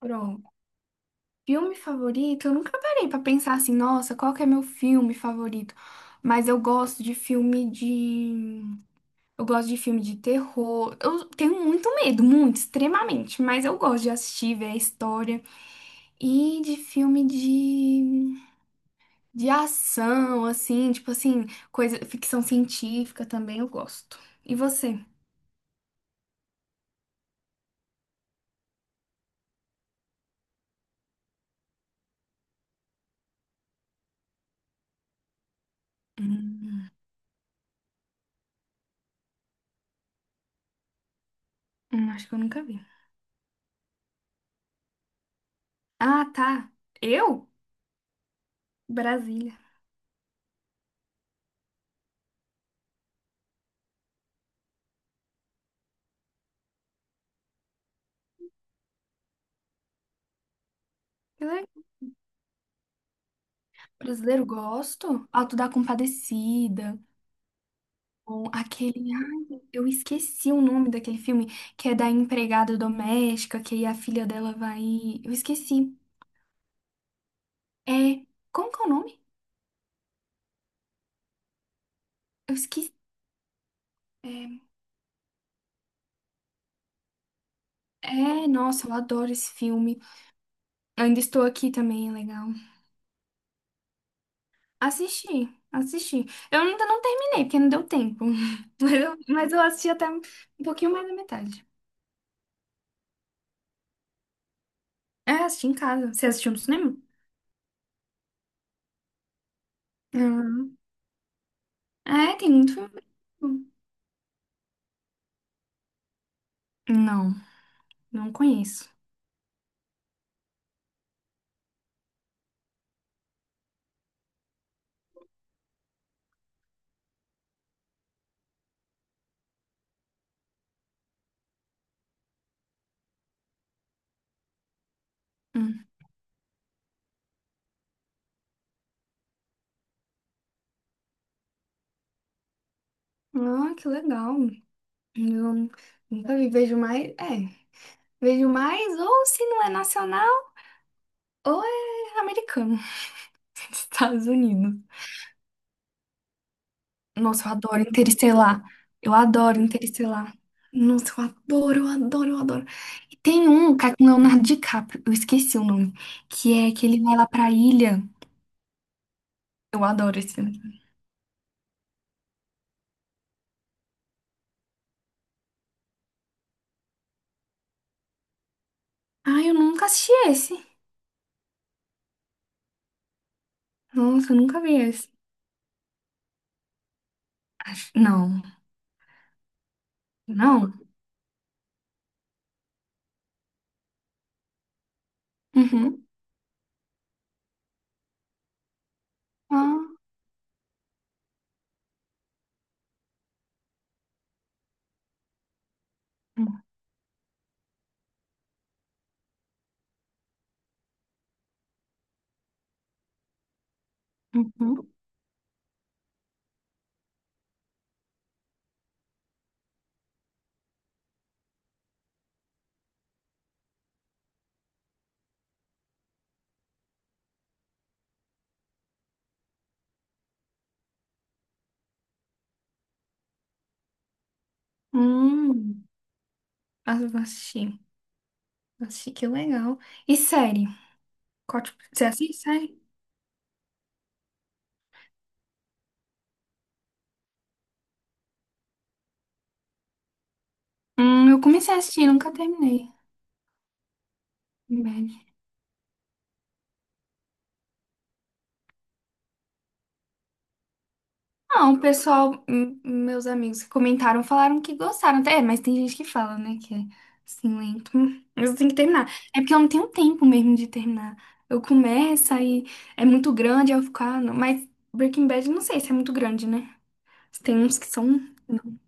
Pronto. Filme favorito? Eu nunca parei pra pensar, assim, nossa, qual que é meu filme favorito? Mas eu gosto de filme de. Eu gosto de filme de terror. Eu tenho muito medo, muito, extremamente. Mas eu gosto de assistir, ver a história. E de filme de. De ação, assim, tipo assim, coisa, ficção científica também eu gosto. E você? Hum, acho que eu nunca vi. Ah, tá. Eu? Brasília. Que brasileiro, gosto. Alto da Compadecida. Ou aquele. Ai, eu esqueci o nome daquele filme, que é da empregada doméstica, que aí a filha dela vai. Eu esqueci. É. Como que é o nome? Eu esqueci. É, é, nossa, eu adoro esse filme. Eu Ainda estou aqui também, é legal. Assisti, assisti. Eu ainda não terminei, porque não deu tempo. Mas eu assisti até um pouquinho mais da metade. É, assisti em casa. Você assistiu no cinema? Uhum. É, tem muito filme. Bom. Não. Não conheço. Hum. Ah, que legal. Eu nunca vi. Vejo mais. É, vejo mais, ou se não é nacional, ou é americano. Estados Unidos. Nossa, eu adoro Interestelar. Eu adoro Interestelar. Nossa, eu adoro, eu adoro, eu adoro. E tem um cara com Leonardo DiCaprio, eu esqueci o nome, que é que ele vai lá pra ilha. Eu adoro esse filme. Ai, eu nunca assisti esse. Nossa, eu nunca vi esse. Não, não. Uhum. Ah. Uhum. Hum. Ah, eu vou assistir. Vou assistir, que legal. E série? Você assiste série? Eu comecei a assistir, nunca terminei. Bad. Não, o pessoal, meus amigos que comentaram, falaram que gostaram até. É, mas tem gente que fala, né, que é assim, lento. Mas eu tenho que terminar. É porque eu não tenho tempo mesmo de terminar. Eu começo, aí é muito grande, aí eu fico, ah, não. Mas Breaking Bad, não sei se é muito grande, né? Tem uns que são... Não.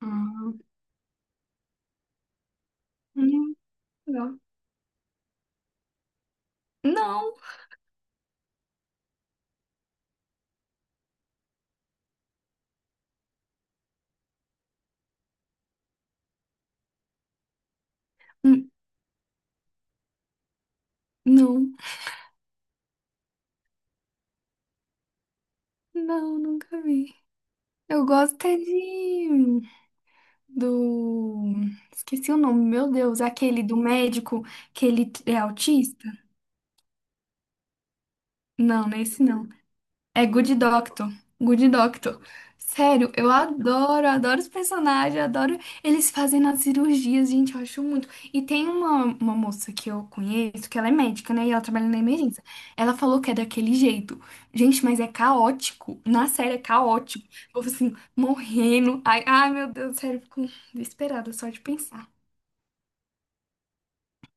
Ah, hum, legal. Não. Hum, não. Não, nunca vi. Eu gosto é de... Do... Esqueci o nome, meu Deus. Aquele do médico que ele é autista? Não, não é esse não. É Good Doctor. Good Doctor. Sério, eu adoro, adoro os personagens, adoro eles fazendo as cirurgias, gente, eu acho muito. E tem uma moça que eu conheço, que ela é médica, né? E ela trabalha na emergência. Ela falou que é daquele jeito. Gente, mas é caótico. Na série é caótico. Eu fico assim, morrendo. Ai, ai, meu Deus, sério, eu fico desesperada só de pensar.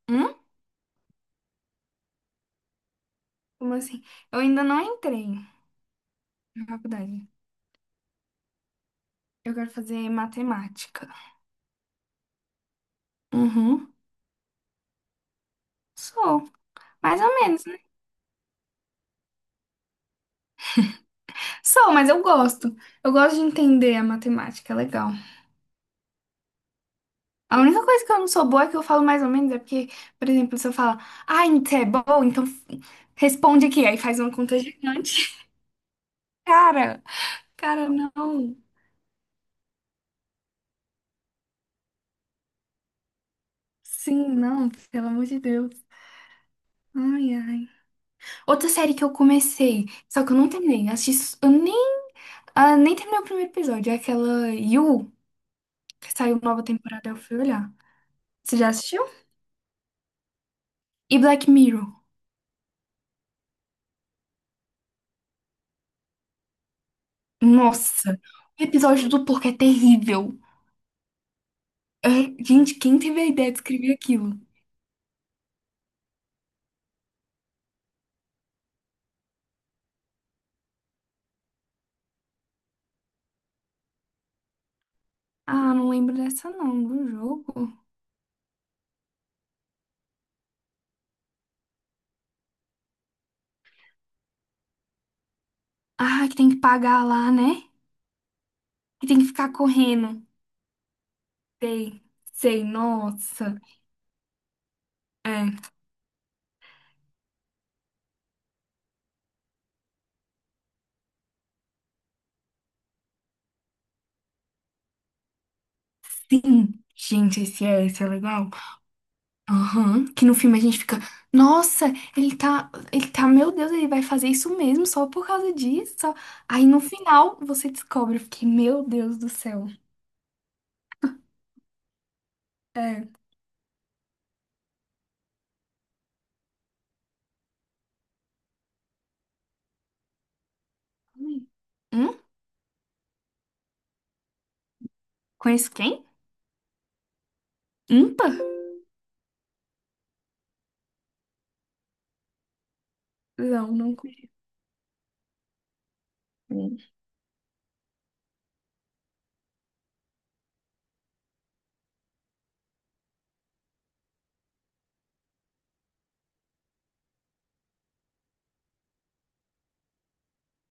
Hum? Como assim? Eu ainda não entrei na faculdade. Eu quero fazer matemática. Uhum. Sou. Mais ou menos. Sou, mas eu gosto. Eu gosto de entender a matemática, é legal. A única coisa que eu não sou boa é que eu falo mais ou menos é porque, por exemplo, se eu falar, ah, você é bom, então responde aqui, aí faz uma conta gigante. Cara, cara, não. Sim, não, pelo amor de Deus. Ai, ai. Outra série que eu comecei, só que eu não terminei. Assisti, s- eu nem, ah, nem terminei o primeiro episódio. É aquela You, que saiu nova temporada, eu fui olhar. Você já assistiu? E Black Mirror. Nossa, o episódio do porco é terrível. É, gente, quem teve a ideia de escrever aquilo? Ah, não lembro dessa não, do jogo. Ah, que tem que pagar lá, né? Que tem que ficar correndo. Sei, sei, nossa. É, sim. Gente, esse é legal. Aham, que no filme a gente fica, nossa, ele tá, meu Deus, ele vai fazer isso mesmo só por causa disso só. Aí no final você descobre, eu fiquei, meu Deus do céu. É. Hum? Conheço quem? Umpa? Não, não conheço. Hum.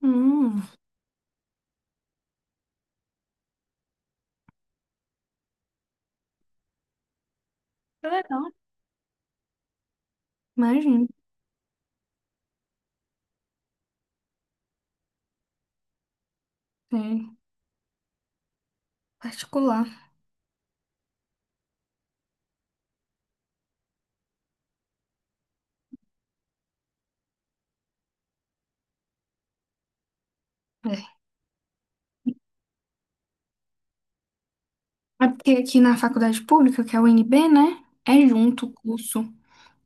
Hum, que legal. Imagino. É, particular. É. É porque aqui na faculdade pública, que é a UNB, né? É junto o curso.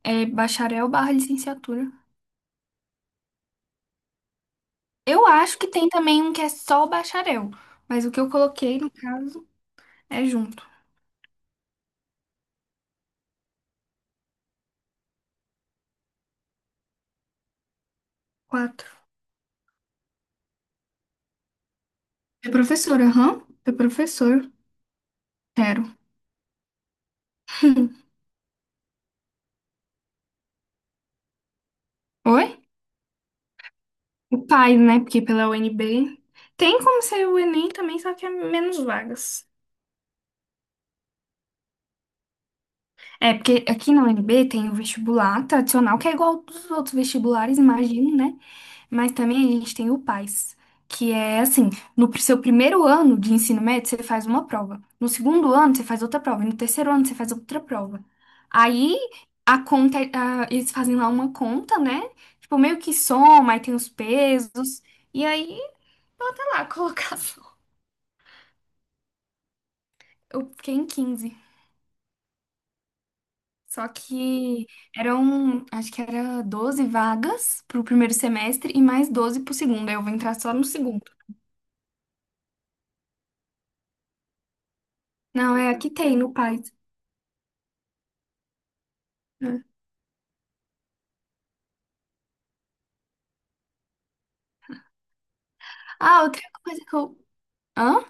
É bacharel barra licenciatura. Eu acho que tem também um que é só o bacharel. Mas o que eu coloquei, no caso, é junto. Quatro. É professora, aham. É professor. Quero. Oi? O pai, né? Porque pela UNB. Tem como ser o Enem também, só que é menos vagas. É, porque aqui na UNB tem o vestibular tradicional, que é igual dos outros vestibulares, imagino, né? Mas também a gente tem o PAS, que é assim, no seu primeiro ano de ensino médio, você faz uma prova. No segundo ano, você faz outra prova. E no terceiro ano, você faz outra prova. Aí, a conta, eles fazem lá uma conta, né? Tipo, meio que soma, aí tem os pesos. E aí, bota lá a colocação. Eu fiquei em 15. Só que eram, acho que era 12 vagas pro primeiro semestre e mais 12 pro segundo. Aí eu vou entrar só no segundo. Não, é aqui tem, no Python. Né? Ah, outra coisa que eu. Hã?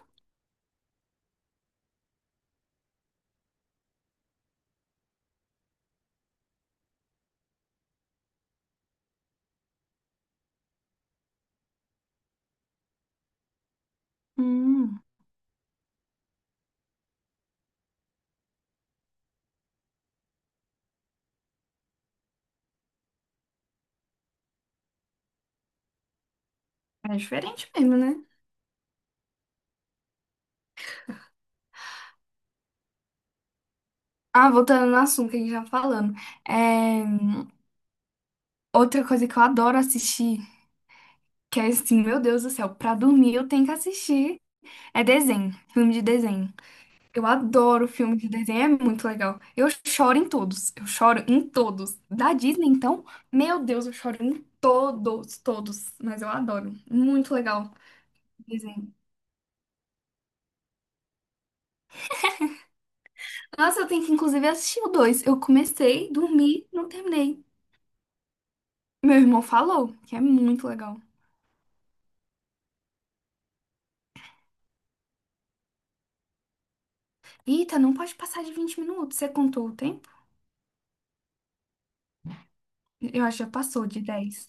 Hum, é diferente mesmo, né? Ah, voltando no assunto que a gente tava falando. É, outra coisa que eu adoro assistir, que é assim, meu Deus do céu, pra dormir eu tenho que assistir, é desenho, filme de desenho. Eu adoro filme de desenho, é muito legal. Eu choro em todos, eu choro em todos. Da Disney, então, meu Deus, eu choro em todos, todos. Mas eu adoro, muito legal o desenho. Nossa, eu tenho que inclusive assistir o dois. Eu comecei, dormi, não terminei. Meu irmão falou que é muito legal. Eita, não pode passar de 20 minutos. Você contou o tempo? Eu acho que já passou de 10.